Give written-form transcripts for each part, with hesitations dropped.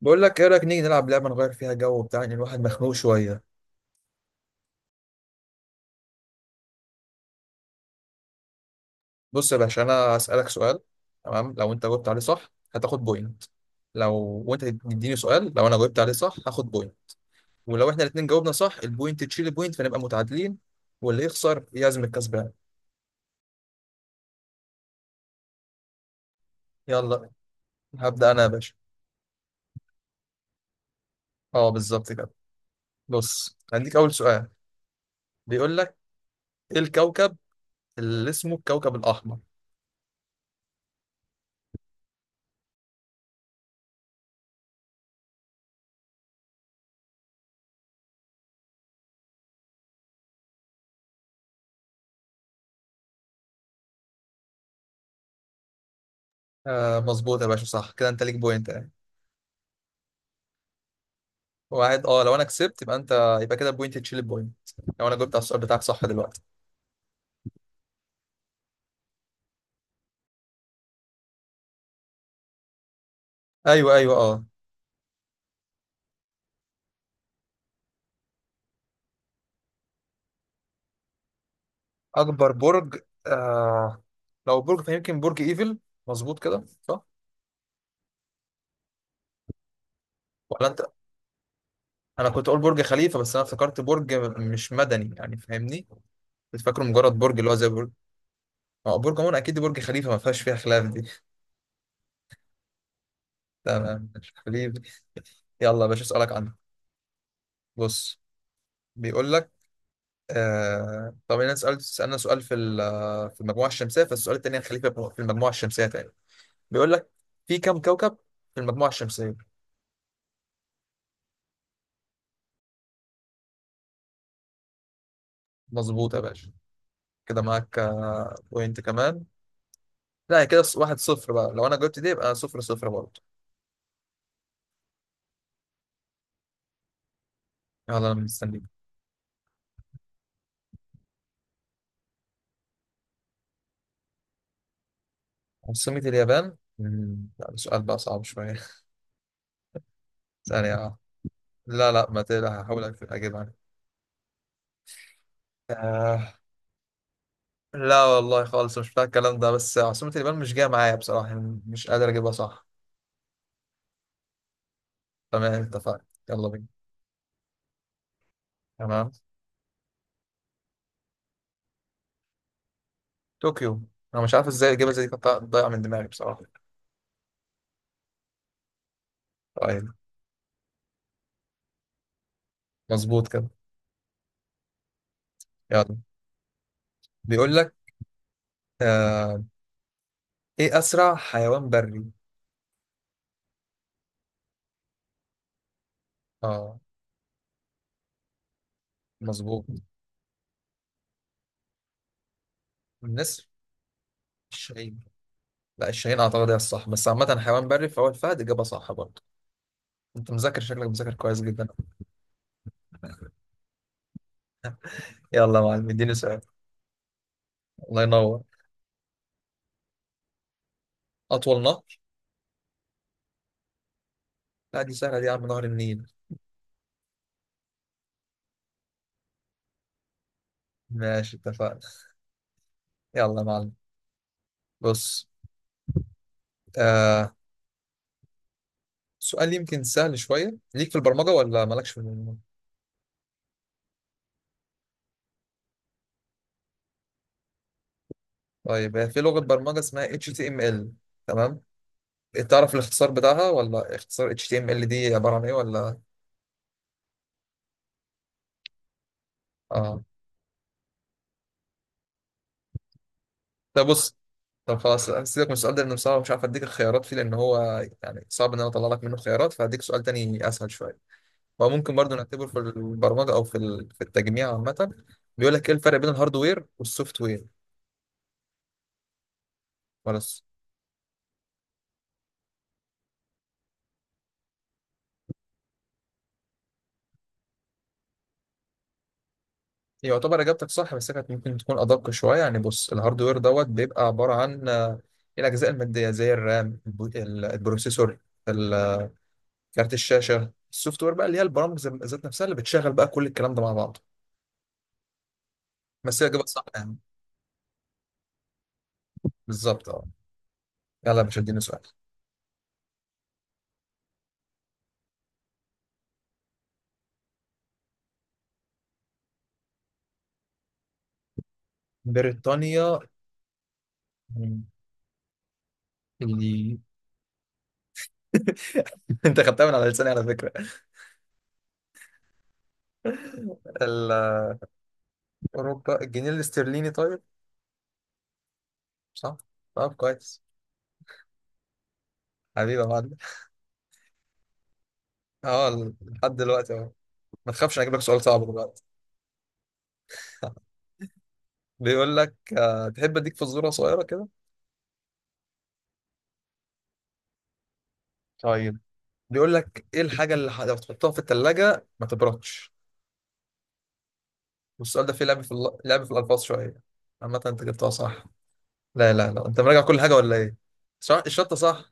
بقول لك ايه رايك نيجي نلعب لعبه نغير فيها جو بتاع ان الواحد مخنوق شويه. بص يا باشا، انا هسالك سؤال. تمام، لو انت جاوبت عليه صح هتاخد بوينت. لو وانت تديني سؤال، لو انا جاوبت عليه صح هاخد بوينت. ولو احنا الاثنين جاوبنا صح، البوينت تشيل البوينت، فنبقى متعادلين. واللي يخسر يعزم الكسبان. يلا، هبدا انا يا باشا. اه، بالظبط كده. بص، هديك اول سؤال. بيقول لك: ايه الكوكب اللي اسمه الكوكب الاحمر؟ آه، مظبوط يا باشا، صح كده انت ليك بوينت. واحد، اه لو انا كسبت يبقى انت يبقى كده بوينت تشيل البوينت، لو انا جبت على السؤال بتاعك صح دلوقتي. ايوه، ايوه، اه. اكبر برج؟ آه لو برج فيمكن برج ايفل. مظبوط كده، صح؟ ولا انت؟ انا كنت اقول برج خليفه، بس انا افتكرت برج مش مدني، يعني فاهمني؟ كنت فاكره مجرد برج اللي هو زي برج. اه، برج عموما اكيد برج خليفه، ما فيهاش فيها خلاف دي. تمام، مش خليفه. يلا يا باشا، اسالك عنه. بص. بيقول لك: طب انا سالنا سؤال في المجموعه الشمسيه، فالسؤال التاني هنخليه في المجموعه الشمسيه تاني. بيقول لك: في كم كوكب في المجموعة الشمسية؟ مظبوط يا باشا. كده معاك بوينت كمان. لا، هي كده واحد صفر بقى، لو انا جبت دي يبقى صفر صفر برضه. يلا، انا مستنيك. عاصمة اليابان، لا ده سؤال بقى صعب شوية. ثانية واحدة. لا، لا، ما تقلق، هحاول اجيبها. آه. لا والله خالص، مش فاهم الكلام ده، بس عاصمة اليابان مش جاية معايا بصراحة، يعني مش قادر اجيبها صح. تمام، اتفقنا، يلا بينا. تمام. طوكيو. انا مش عارف ازاي الاجابة زي دي كانت ضايعة من دماغي بصراحة. طيب. مظبوط كده. يلا. بيقول لك: آه ايه اسرع حيوان بري؟ اه، مظبوط. النسر، الشاهين. لا، الشاهين اعتقد هي الصح، بس عامه حيوان بري فهو الفهد، اجابه صح برضه. انت مذاكر، شكلك مذاكر كويس جدا. يلا يا معلم، اديني سؤال. الله ينور. اطول نهر؟ لا، دي سهله دي يا عم، نهر النيل. ماشي، اتفقنا. يلا يا معلم. بص. آه سؤال يمكن سهل شويه، ليك في البرمجه ولا مالكش في البرمجه؟ طيب، هي في لغه برمجه اسمها HTML. تمام. تعرف الاختصار بتاعها، ولا اختصار HTML دي عباره عن ايه ولا؟ اه. طب بص. طب خلاص، هسيبك من السؤال ده لانه صعب، مش عارف اديك الخيارات فيه لان هو يعني صعب ان انا اطلع لك منه خيارات، فهديك سؤال تاني اسهل شويه. هو ممكن برضو نعتبره في البرمجه، او في التجميع عامه. بيقول لك: ايه الفرق بين الهاردوير والسوفت وير؟ خلاص. يعتبر اجابتك صح، بس كانت ممكن تكون ادق شويه، يعني بص الهاردوير دوت بيبقى عباره عن الاجزاء الماديه زي الرام، البروسيسور، ال- آه، كارت الشاشه. السوفت وير بقى اللي هي البرامج ذات نفسها، اللي بتشغل بقى كل الكلام ده مع بعض. بس هي اجابه صح يعني. بالظبط، اه. يلا يا باشا، اديني سؤال. بريطانيا. مم. اللي انت خدتها من على لساني على فكره. ال- اوروبا، الجنيه الاسترليني. طيب. صح. طب كويس. حبيبي يا معلم. اه، لحد دلوقتي اهو. ما تخافش، انا اجيب لك سؤال صعب دلوقتي. بيقول لك: تحب اديك فزوره صغيره كده؟ طيب. بيقول لك: ايه الحاجه اللي لو تحطها في الثلاجه ما تبردش؟ والسؤال ده فيه لعب في الالفاظ شويه. عامه، انت جبتها صح. لا، لا، لا، انت مراجع كل حاجه ولا ايه؟ صح، الشطه صح.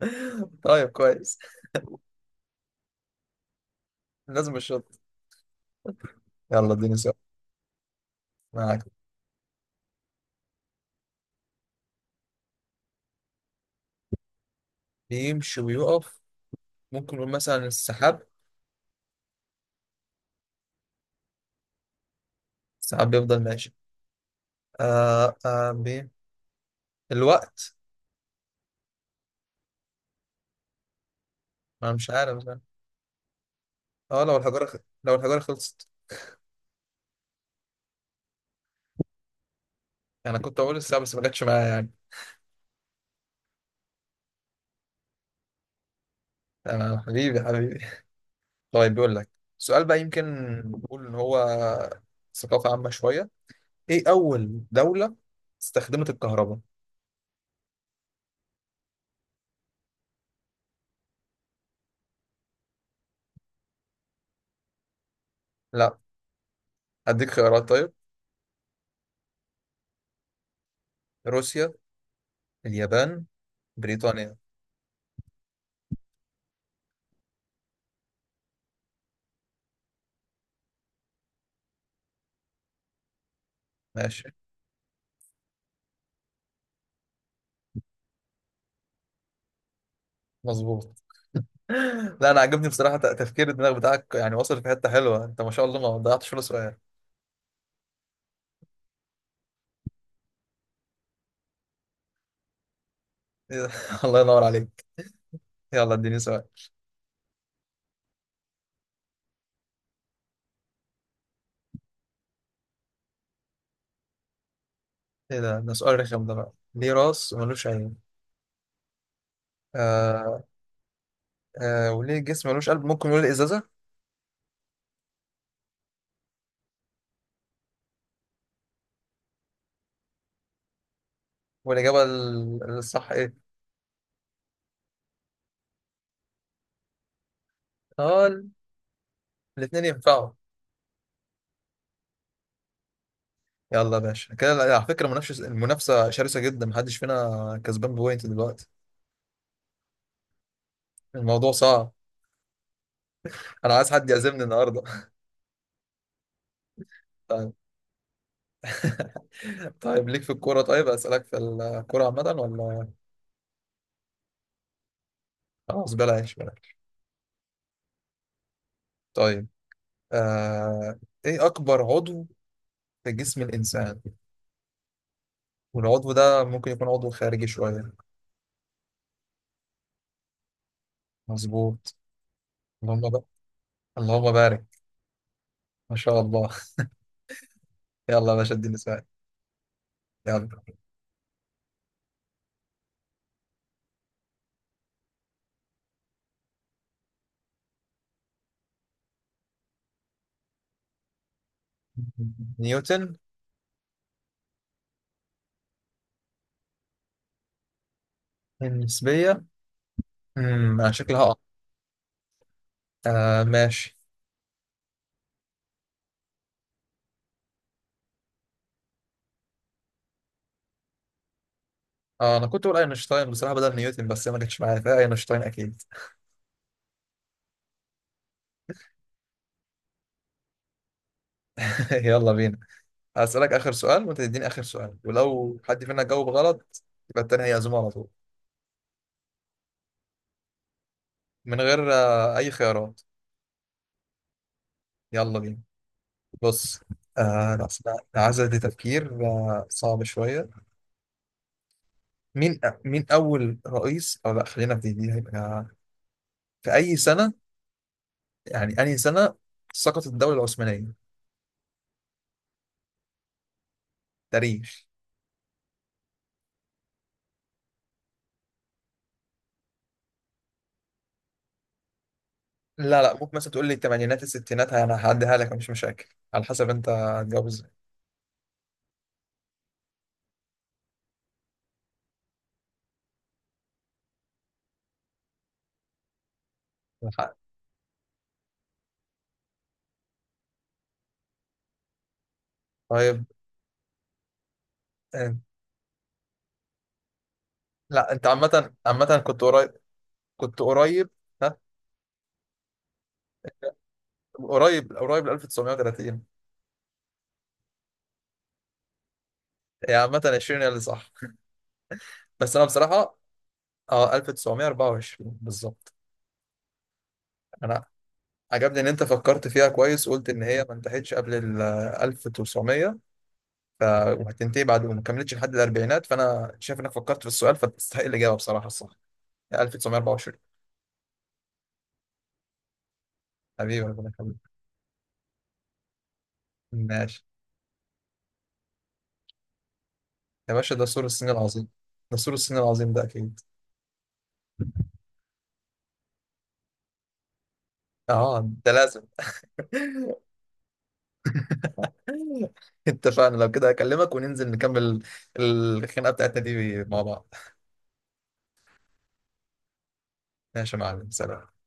طيب، كويس. لازم الشط. يلا، اديني سؤال. معاك. بيمشي ويقف؟ ممكن نقول مثلا السحاب. السحاب بيفضل ماشي. آه آه بي... الوقت. انا مش عارف بقى. اه، لو الحجارة لو الحجارة خلصت. انا كنت اقول السحاب، بس ما جاتش معايا يعني. تمام، حبيبي، حبيبي. طيب، بيقول لك: سؤال بقى يمكن نقول ان هو ثقافة عامة شوية. ايه اول دولة استخدمت الكهرباء؟ لا. اديك خيارات، طيب. روسيا، اليابان، بريطانيا. ماشي. مظبوط. لا، انا عجبني بصراحه، تفكير الدماغ بتاعك يعني وصل في حته حلوه، انت ما شاء الله ما ضيعتش ولا سؤال. إيه ده؟ الله ينور عليك. يلا، اديني سؤال. ايه ده؟ ده سؤال رخم ده بقى، ليه راس وملوش عين؟ آه وليه جسم ملوش قلب، ممكن نقول ازازه. والاجابه الصح ايه؟ اه، الاثنين ينفعوا. يلا يا باشا، كده على فكره المنافسه شرسه جدا، محدش فينا كسبان بوينت دلوقتي. الموضوع صعب. انا عايز حد يعزمني النهارده. طيب. طيب، ليك في الكوره؟ طيب اسالك في الكوره عامه ولا؟ خلاص، بلاش، بلاش. طيب. آه... ايه اكبر عضو في جسم الانسان؟ والعضو ده ممكن يكون عضو خارجي شويه. مظبوط. اللهم بقى، اللهم بارك، ما شاء الله. يلا يا باشا، اديني سؤال. يلا. نيوتن. النسبيه. انا شكلها، اه. آه، ماشي. اه، انا كنت بقول اينشتاين بصراحه بدل نيوتن، بس هي ما جتش معايا فيها، اينشتاين اكيد. يلا بينا. هسألك اخر سؤال وانت تديني اخر سؤال، ولو حد فينا جاوب غلط يبقى التاني هيعزمه على طول. من غير اي خيارات. يلا بينا. بص. لا، لا، العزة دي تفكير صعب شوية. مين أول رئيس؟ أو لا، خلينا في دي هيبقى في أي سنة، يعني أي سنة سقطت الدولة العثمانية؟ تاريخ. لا، لا، ممكن مثلا تقول لي الثمانينات، الستينات، أنا هعديها لك، مش مشاكل. على حسب أنت هتجاوب ازاي. الحق. طيب. آه، لا، أنت عامة عامة كنت قريب. كنت قريب. ها. قريب، قريب ل 1930. هي عامة، 20 هي اللي صح. بس أنا بصراحة. اه، 1924 بالظبط. انا عجبني ان انت فكرت فيها كويس، قلت ان هي ما انتهتش قبل ال 1900، ف وهتنتهي بعد، وما كملتش لحد الاربعينات، فانا شايف انك فكرت في السؤال فتستحق الاجابه بصراحه. الصح 1924. حبيبي ربنا يخليك. ماشي. يا باشا، ده سور الصين العظيم. ده سور الصين العظيم ده اكيد. اه، ده لازم. اتفقنا، لو كده اكلمك وننزل نكمل الخناقه بتاعتنا دي مع بعض. ماشي يا معلم، سلام.